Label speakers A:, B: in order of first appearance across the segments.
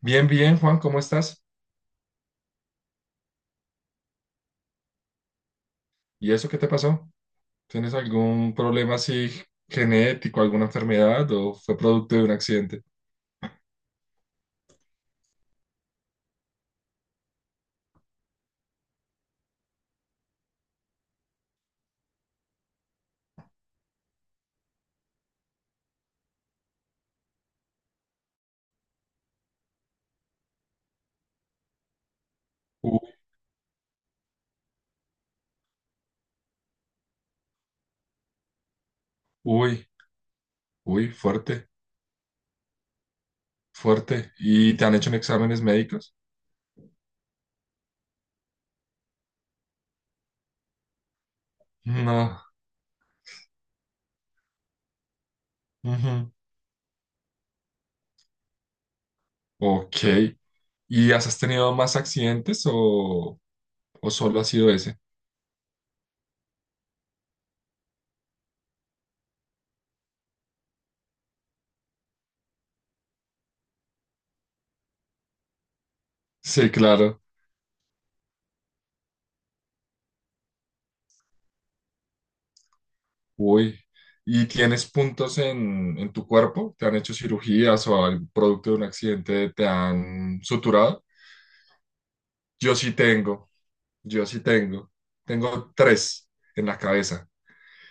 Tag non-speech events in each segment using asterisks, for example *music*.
A: Bien, bien, Juan, ¿cómo estás? ¿Y eso qué te pasó? ¿Tienes algún problema así genético, alguna enfermedad o fue producto de un accidente? U- Uy, uy, fuerte, fuerte. ¿Y te han hecho exámenes médicos? No. Ujú. Ok. ¿Y has tenido más accidentes o solo ha sido ese? Sí, claro. Uy. ¿Y tienes puntos en tu cuerpo? ¿Te han hecho cirugías o al producto de un accidente te han suturado? Yo sí tengo, yo sí tengo. Tengo tres en la cabeza.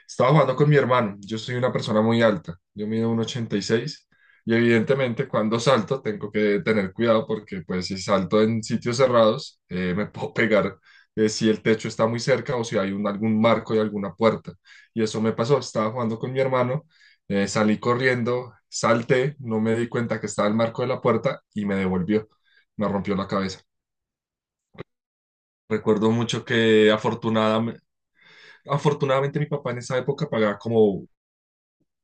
A: Estaba jugando con mi hermano. Yo soy una persona muy alta. Yo mido 1,86 y seis, y evidentemente cuando salto tengo que tener cuidado porque pues si salto en sitios cerrados, me *laughs* puedo pegar si el techo está muy cerca o si hay algún marco y alguna puerta. Y eso me pasó. Estaba jugando con mi hermano, salí corriendo, salté, no me di cuenta que estaba el marco de la puerta y me devolvió. Me rompió la cabeza. Recuerdo mucho que afortunadamente... Afortunadamente mi papá en esa época pagaba como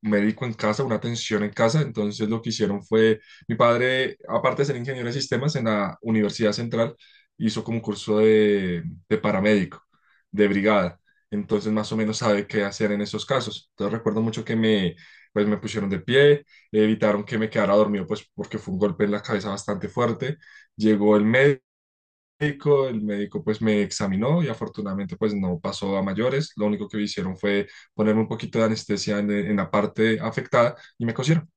A: médico en casa, una atención en casa. Entonces lo que hicieron fue, mi padre, aparte de ser ingeniero de sistemas en la Universidad Central, hizo como un curso de, paramédico, de brigada. Entonces más o menos sabe qué hacer en esos casos. Entonces recuerdo mucho que me, pues, me pusieron de pie, evitaron que me quedara dormido, pues porque fue un golpe en la cabeza bastante fuerte. Llegó el médico pues me examinó y afortunadamente pues no pasó a mayores. Lo único que hicieron fue ponerme un poquito de anestesia en la parte afectada y me cosieron.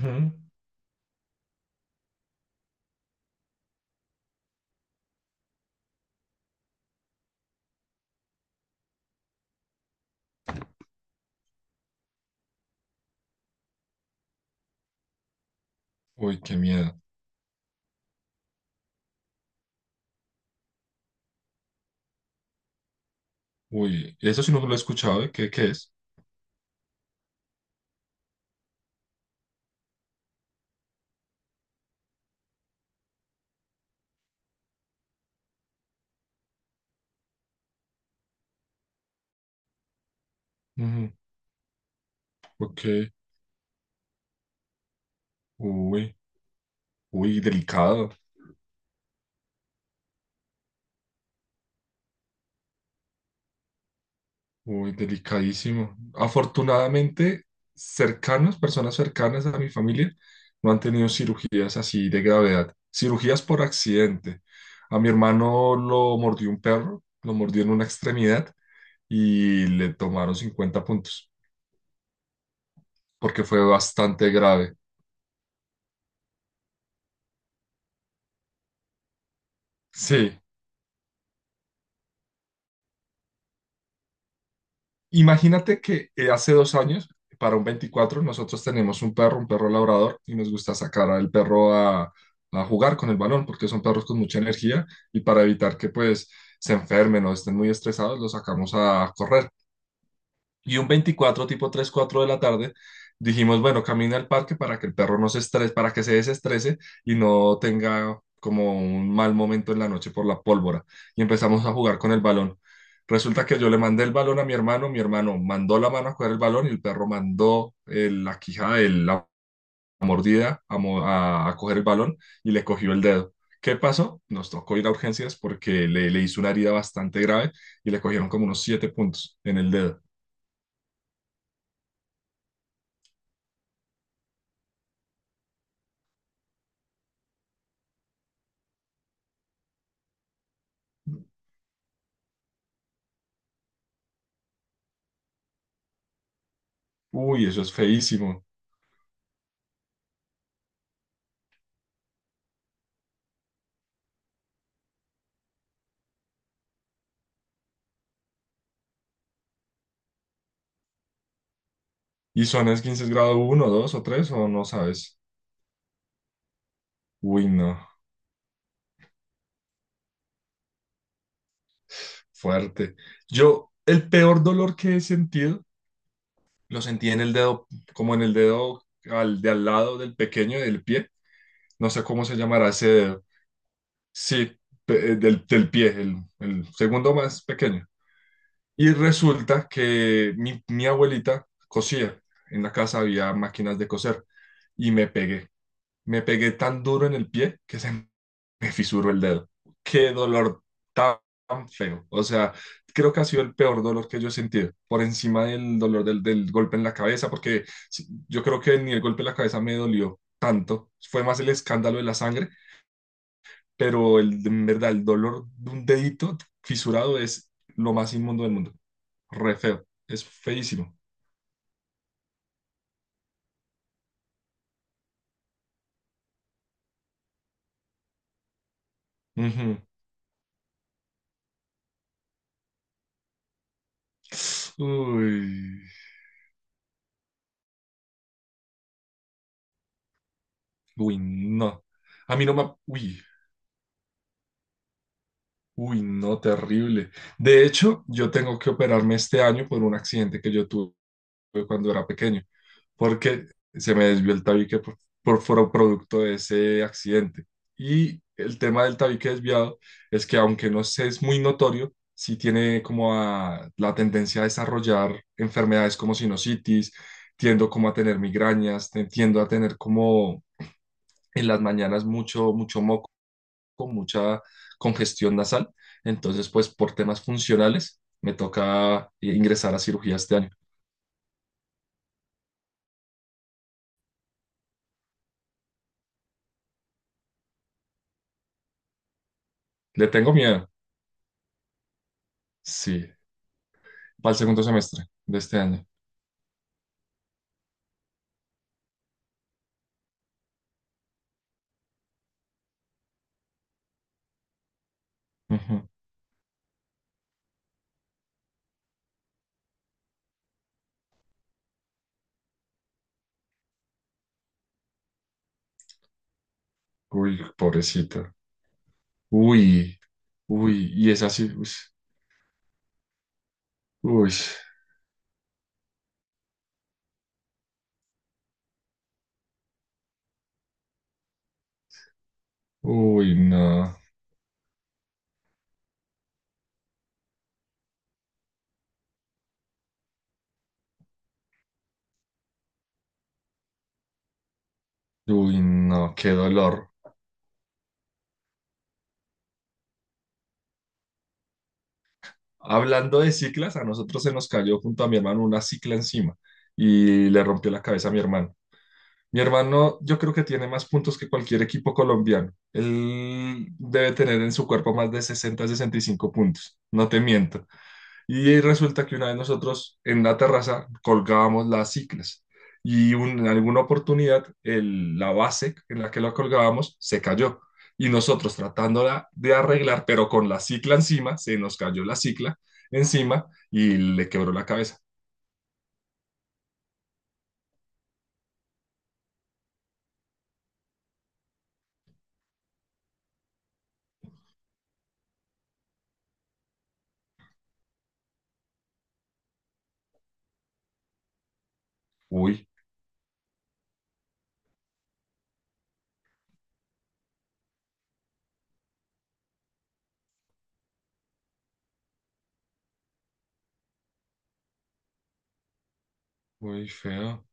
A: Ujú. Uy, qué miedo. Uy, eso sí no lo he escuchado, ¿eh? ¿Qué, qué es? Ujú. Ok, uy, uy, delicado. Uy, delicadísimo. Afortunadamente, cercanos, personas cercanas a mi familia, no han tenido cirugías así de gravedad. Cirugías por accidente. A mi hermano lo mordió un perro, lo mordió en una extremidad y le tomaron 50 puntos, porque fue bastante grave. Sí. Imagínate que hace 2 años, para un 24, nosotros tenemos un perro labrador, y nos gusta sacar al perro a jugar con el balón, porque son perros con mucha energía, y para evitar que pues se enfermen o estén muy estresados, los sacamos a correr. Y un 24, tipo 3 4 de la tarde, dijimos, bueno, camina al parque para que el perro no se estrese, para que se desestrese y no tenga como un mal momento en la noche por la pólvora. Y empezamos a jugar con el balón. Resulta que yo le mandé el balón a mi hermano mandó la mano a coger el balón y el perro mandó la quijada, la mordida a coger el balón y le cogió el dedo. ¿Qué pasó? Nos tocó ir a urgencias porque le hizo una herida bastante grave y le cogieron como unos siete puntos en el dedo. Uy, eso es feísimo. ¿Y son esguinces grado uno, 2 o tres, o no sabes? Uy, no. Fuerte. Yo, el peor dolor que he sentido, lo sentí en el dedo, como en el dedo de al lado del pequeño del pie. No sé cómo se llamará ese dedo. Sí, del pie, el segundo más pequeño. Y resulta que mi abuelita cosía. En la casa había máquinas de coser. Y me pegué. Me pegué tan duro en el pie que se *laughs* me fisuró el dedo. Qué dolor tan feo. O sea, creo que ha sido el peor dolor que yo he sentido, por encima del dolor del golpe en la cabeza, porque sí, yo creo que ni el golpe en la cabeza me dolió tanto. Fue más el escándalo de la sangre, pero en verdad el dolor de un dedito fisurado es lo más inmundo del mundo. Re feo. Es feísimo. Ujú. Uy, uy, no. A mí no me... Uy, uy, no, terrible. De hecho, yo tengo que operarme este año por un accidente que yo tuve cuando era pequeño, porque se me desvió el tabique por producto de ese accidente. Y el tema del tabique desviado es que aunque no sé, es muy notorio, sí tiene como la tendencia a desarrollar enfermedades como sinusitis, tiendo como a tener migrañas, tiendo a tener como en las mañanas mucho, mucho moco con mucha congestión nasal. Entonces, pues por temas funcionales, me toca ingresar a cirugía este año. Le tengo miedo, sí, para el segundo semestre de este año. Ujú. Uy, pobrecita. Uy, uy, y es así. Uy, uy, uy, no. Uy, no, qué dolor. Hablando de ciclas, a nosotros se nos cayó junto a mi hermano una cicla encima y le rompió la cabeza a mi hermano. Mi hermano, yo creo que tiene más puntos que cualquier equipo colombiano. Él debe tener en su cuerpo más de sesenta y cinco puntos. No te miento. Y resulta que una vez nosotros en la terraza colgábamos las ciclas y en alguna oportunidad la base en la que la colgábamos se cayó. Y nosotros tratándola de arreglar, pero con la cicla encima, se nos cayó la cicla encima y le quebró la cabeza. Uy, uy, feo.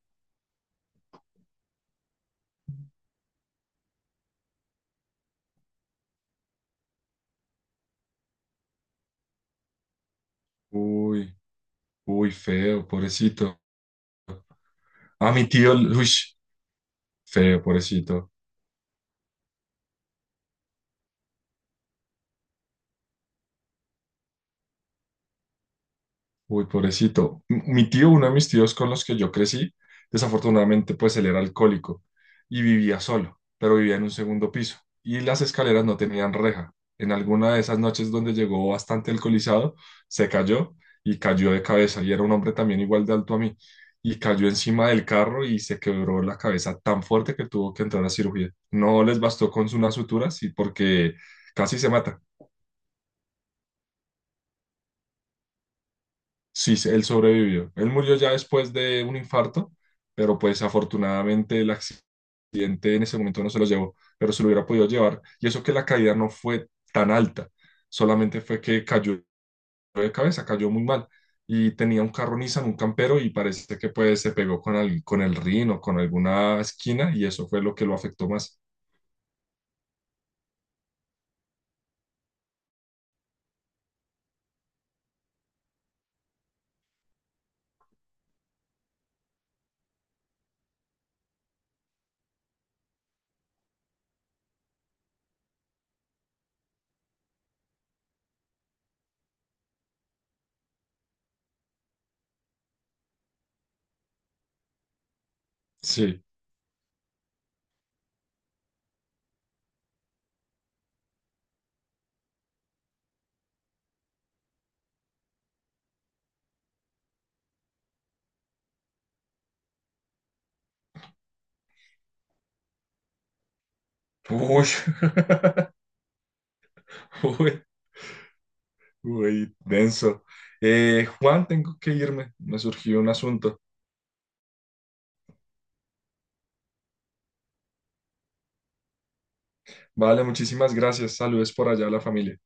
A: Uy, uy, feo, pobrecito. A mi tío, uy, feo, pobrecito. Uy, pobrecito. Mi tío, uno de mis tíos con los que yo crecí, desafortunadamente, pues él era alcohólico y vivía solo, pero vivía en un segundo piso y las escaleras no tenían reja. En alguna de esas noches donde llegó bastante alcoholizado, se cayó y cayó de cabeza, y era un hombre también igual de alto a mí, y cayó encima del carro y se quebró la cabeza tan fuerte que tuvo que entrar a cirugía. No les bastó con unas suturas, y porque casi se mata. Sí, él sobrevivió. Él murió ya después de un infarto, pero pues afortunadamente el accidente en ese momento no se lo llevó, pero se lo hubiera podido llevar. Y eso que la caída no fue tan alta, solamente fue que cayó de cabeza, cayó muy mal. Y tenía un carro Nissan, un campero, y parece que pues se pegó con el, rin o con alguna esquina, y eso fue lo que lo afectó más. Sí. Uy, *laughs* uy, uy, denso. Juan, tengo que irme. Me surgió un asunto. Vale, muchísimas gracias. Saludos por allá a la familia.